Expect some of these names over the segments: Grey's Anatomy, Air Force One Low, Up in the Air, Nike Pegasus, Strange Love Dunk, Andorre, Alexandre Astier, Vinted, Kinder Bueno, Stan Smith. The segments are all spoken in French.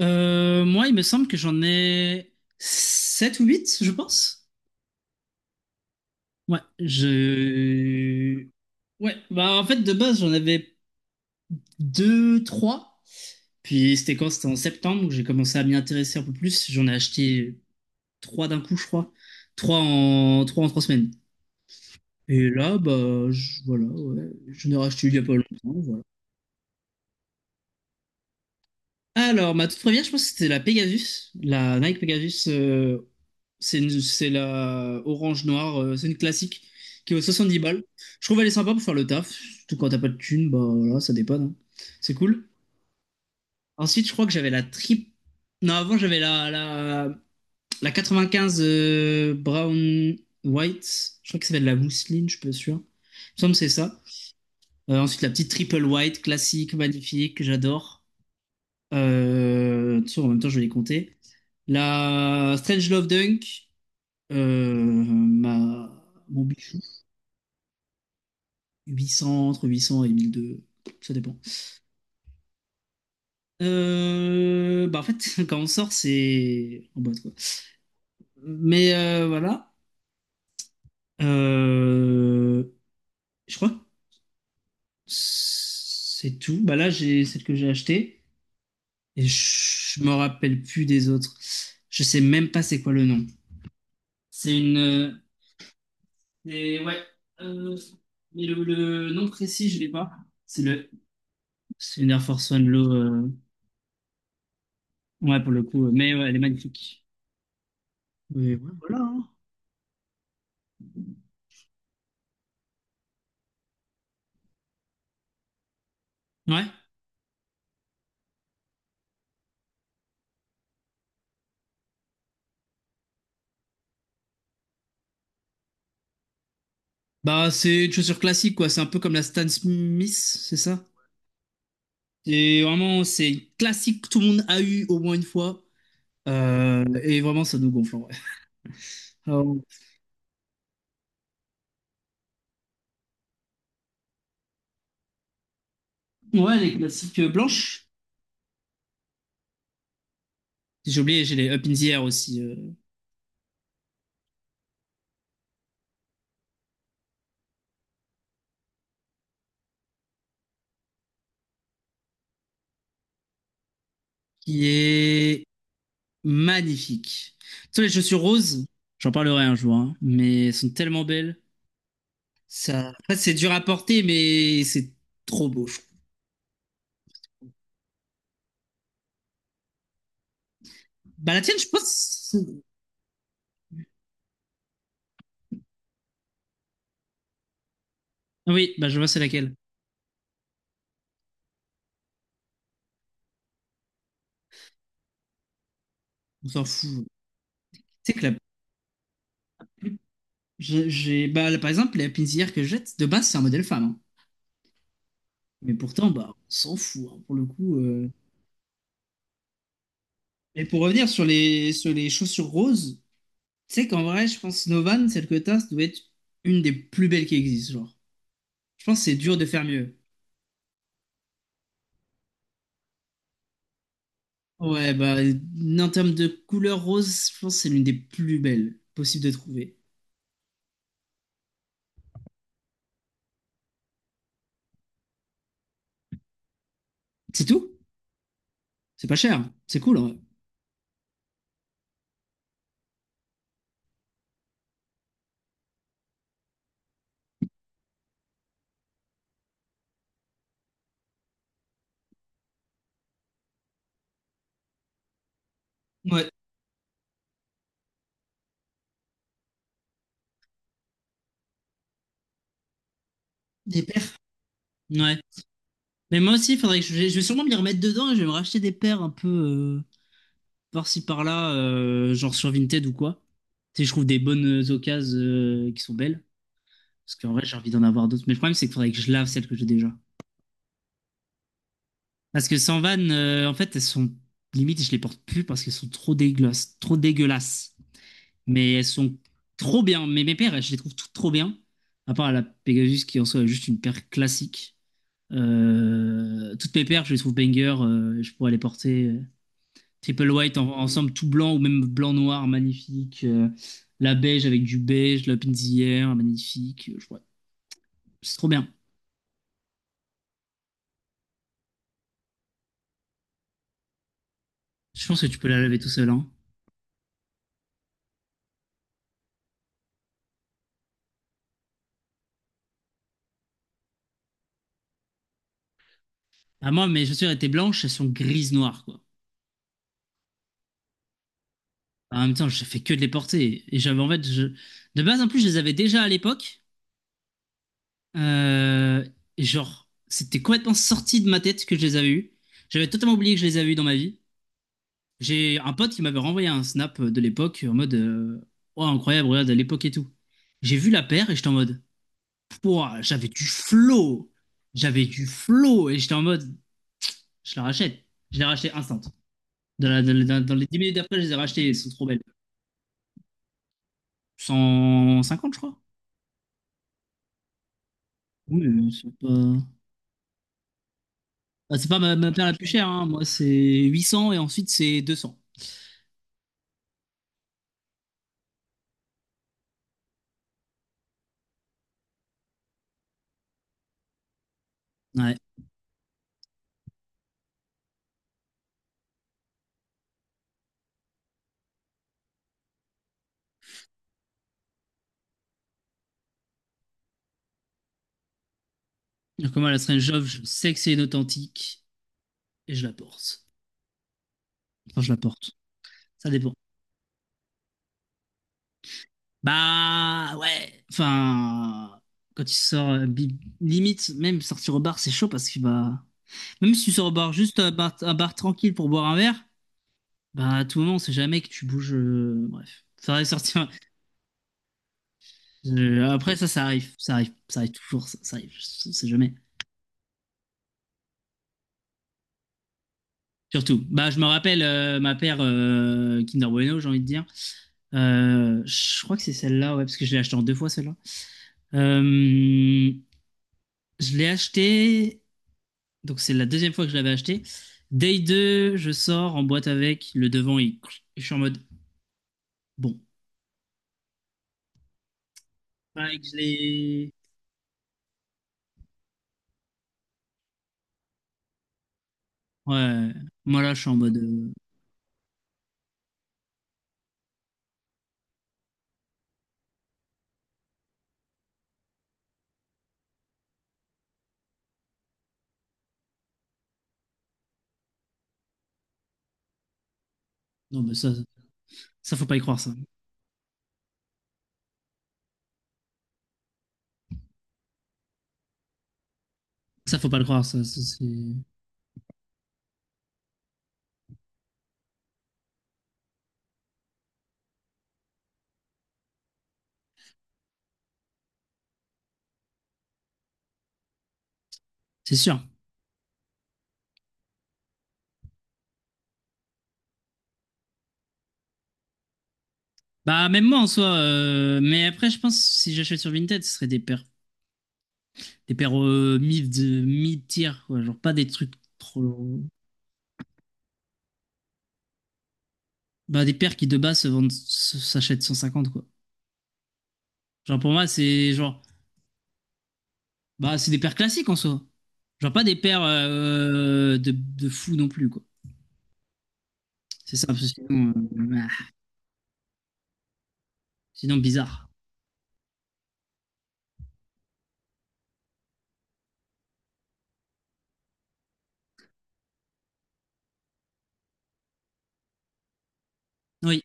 Moi, il me semble que j'en ai 7 ou 8, je pense. Ouais, je... Ouais, bah en fait, de base, j'en avais 2, 3. Puis c'était quand? C'était en septembre où j'ai commencé à m'y intéresser un peu plus. J'en ai acheté 3 d'un coup, je crois. Trois en 3 semaines. Et là, bah, voilà, ouais, je ai racheté il y a pas longtemps, voilà. Alors, ma toute première, je pense que c'était la Pegasus, la Nike Pegasus. C'est la orange noire, c'est une classique qui vaut 10 balles. Je trouve elle est sympa pour faire le taf, surtout quand t'as pas de thune, bah voilà, ça dépanne, hein. C'est cool. Ensuite, je crois que j'avais la trip. Non, avant j'avais la 95, Brown White. Je crois que ça s'appelle la mousseline, je suis pas sûr. Il me semble que c'est ça. Ensuite, la petite triple white, classique, magnifique, que j'adore. Tu sais, en même temps, je vais les compter. La Strange Love Dunk. Mon Bichou, 800, entre 800 et 1200, ça dépend. Bah en fait, quand on sort, c'est en boîte, quoi. Mais voilà. Euh, je crois que c'est tout. Bah là, j'ai celle que j'ai achetée et je me rappelle plus des autres. Je sais même pas c'est quoi le nom. C'est une. euh, ouais. euh, mais le nom précis, je l'ai pas. C'est le. C'est une Air Force One Low. Ouais pour le coup, mais ouais, elle est magnifique. Mais ouais, voilà, hein. Ouais. Bah, c'est une chaussure classique, quoi. C'est un peu comme la Stan Smith, c'est ça? Et vraiment, c'est classique que tout le monde a eu au moins une fois. Et vraiment, ça nous gonfle, en vrai. Euh, ouais, les classiques blanches. J'ai oublié, j'ai les Up in the Air aussi, qui est magnifique. Tu sais, les chaussures roses, j'en parlerai un jour, hein, mais elles sont tellement belles. En c'est dur à porter, mais c'est trop beau, je trouve. Bah, la tienne, je pense, oui, bah je vois c'est laquelle. On s'en fout. Tu sais que la- j'ai- Bah, là, par exemple, la pinzière que je jette, de base, c'est un modèle femme, hein. Mais pourtant, bah, on s'en fout, hein, pour le coup. Et pour revenir sur les chaussures roses, tu sais qu'en vrai, je pense Novan, celle que t'as, ça doit être une des plus belles qui existent, genre. Je pense que c'est dur de faire mieux. Ouais, bah, en termes de couleur rose, je pense que c'est l'une des plus belles possibles de trouver. C'est tout? C'est pas cher. C'est cool, en vrai. Ouais. Des paires. Ouais. Mais moi aussi, faudrait que je vais sûrement m'y remettre dedans et je vais me racheter des paires un peu par-ci par-là, genre sur Vinted ou quoi. Si je trouve des bonnes occasions qui sont belles. Parce qu'en vrai, j'ai envie d'en avoir d'autres. Mais le problème, c'est qu'il faudrait que je lave celles que j'ai déjà. Parce que sans vanne, en fait, elles sont limite, je les porte plus parce qu'elles sont trop dégueulasses, trop dégueulasses. Mais elles sont trop bien. Mais mes paires, je les trouve toutes trop bien. À part la Pegasus qui en soit est juste une paire classique. Toutes mes paires, je les trouve banger, je pourrais les porter. Triple white ensemble tout blanc ou même blanc-noir, magnifique. La beige avec du beige, la pinzière, magnifique. Je vois. C'est trop bien. Je pense que tu peux la laver tout seul, hein. Ah, moi, mes chaussures étaient blanches, elles sont grises-noires, quoi. En même temps, je fais que de les porter. Et j'avais, en fait, de base, en plus, je les avais déjà à l'époque. Euh, et genre, c'était complètement sorti de ma tête que je les avais eues. J'avais totalement oublié que je les avais eues dans ma vie. J'ai un pote qui m'avait renvoyé un snap de l'époque en mode oh, incroyable, regarde à l'époque et tout. J'ai vu la paire et j'étais en mode pouah, j'avais du flow! J'avais du flow! Et j'étais en mode je la rachète. Je l'ai rachetée instant. Dans les 10 minutes d'après, je les ai rachetées. Elles sont trop belles. 150, je crois. Oui, mais c'est pas. Ah, c'est pas ma paire la plus chère, hein. Moi, c'est 800 et ensuite c'est 200. Ouais. Donc, moi, la Strange Love, je sais que c'est une authentique et je la porte. Enfin, je la porte. Ça dépend. Bah ouais, enfin, quand tu sors, limite, même sortir au bar, c'est chaud parce que bah, même si tu sors au bar, juste un bar tranquille pour boire un verre, bah à tout moment, on sait jamais que tu bouges. Bref, ça va sortir. Après ça arrive, ça arrive, ça arrive toujours, ça arrive, on sait jamais. Surtout, bah je me rappelle ma paire Kinder Bueno, j'ai envie de dire. Je crois que c'est celle-là, ouais, parce que je l'ai acheté en deux fois celle-là. Euh, je l'ai acheté. Donc c'est la deuxième fois que je l'avais acheté. Day 2, je sors en boîte avec. Le devant, je suis en mode bon. Pareil je l'ai- Ouais. Moi là, je suis en mode non, mais ça, faut pas y croire ça. Ça faut pas le croire ça. Ça, c'est sûr. Bah même moi en soi. Mais après, je pense si j'achète sur Vinted, ce serait des paires mid tier quoi. Genre pas des trucs trop. Bah des paires qui de base se vendent, s'achètent 150 quoi. Genre pour moi, c'est genre bah, c'est des paires classiques en soi. Genre pas des paires de fou non plus, quoi. C'est ça, parce que sinon, bizarre. Oui,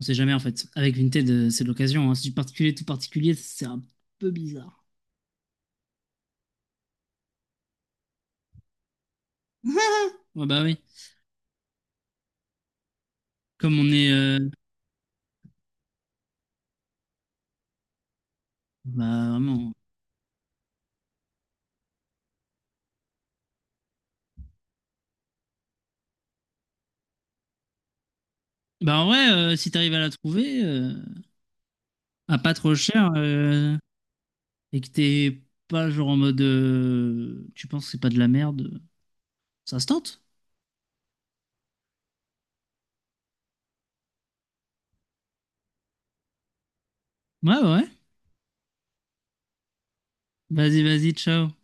on sait jamais en fait. Avec Vinted, c'est de l'occasion, hein. Si du particulier, tout particulier, c'est un peu bizarre. Ouais, bah oui. Comme on est. Bah vraiment. Bah en vrai, si t'arrives à la trouver, à pas trop cher, et que t'es pas genre en mode. Tu penses que c'est pas de la merde, ça se tente. Ouais, ouais, ouais. Vas-y, vas-y, ciao.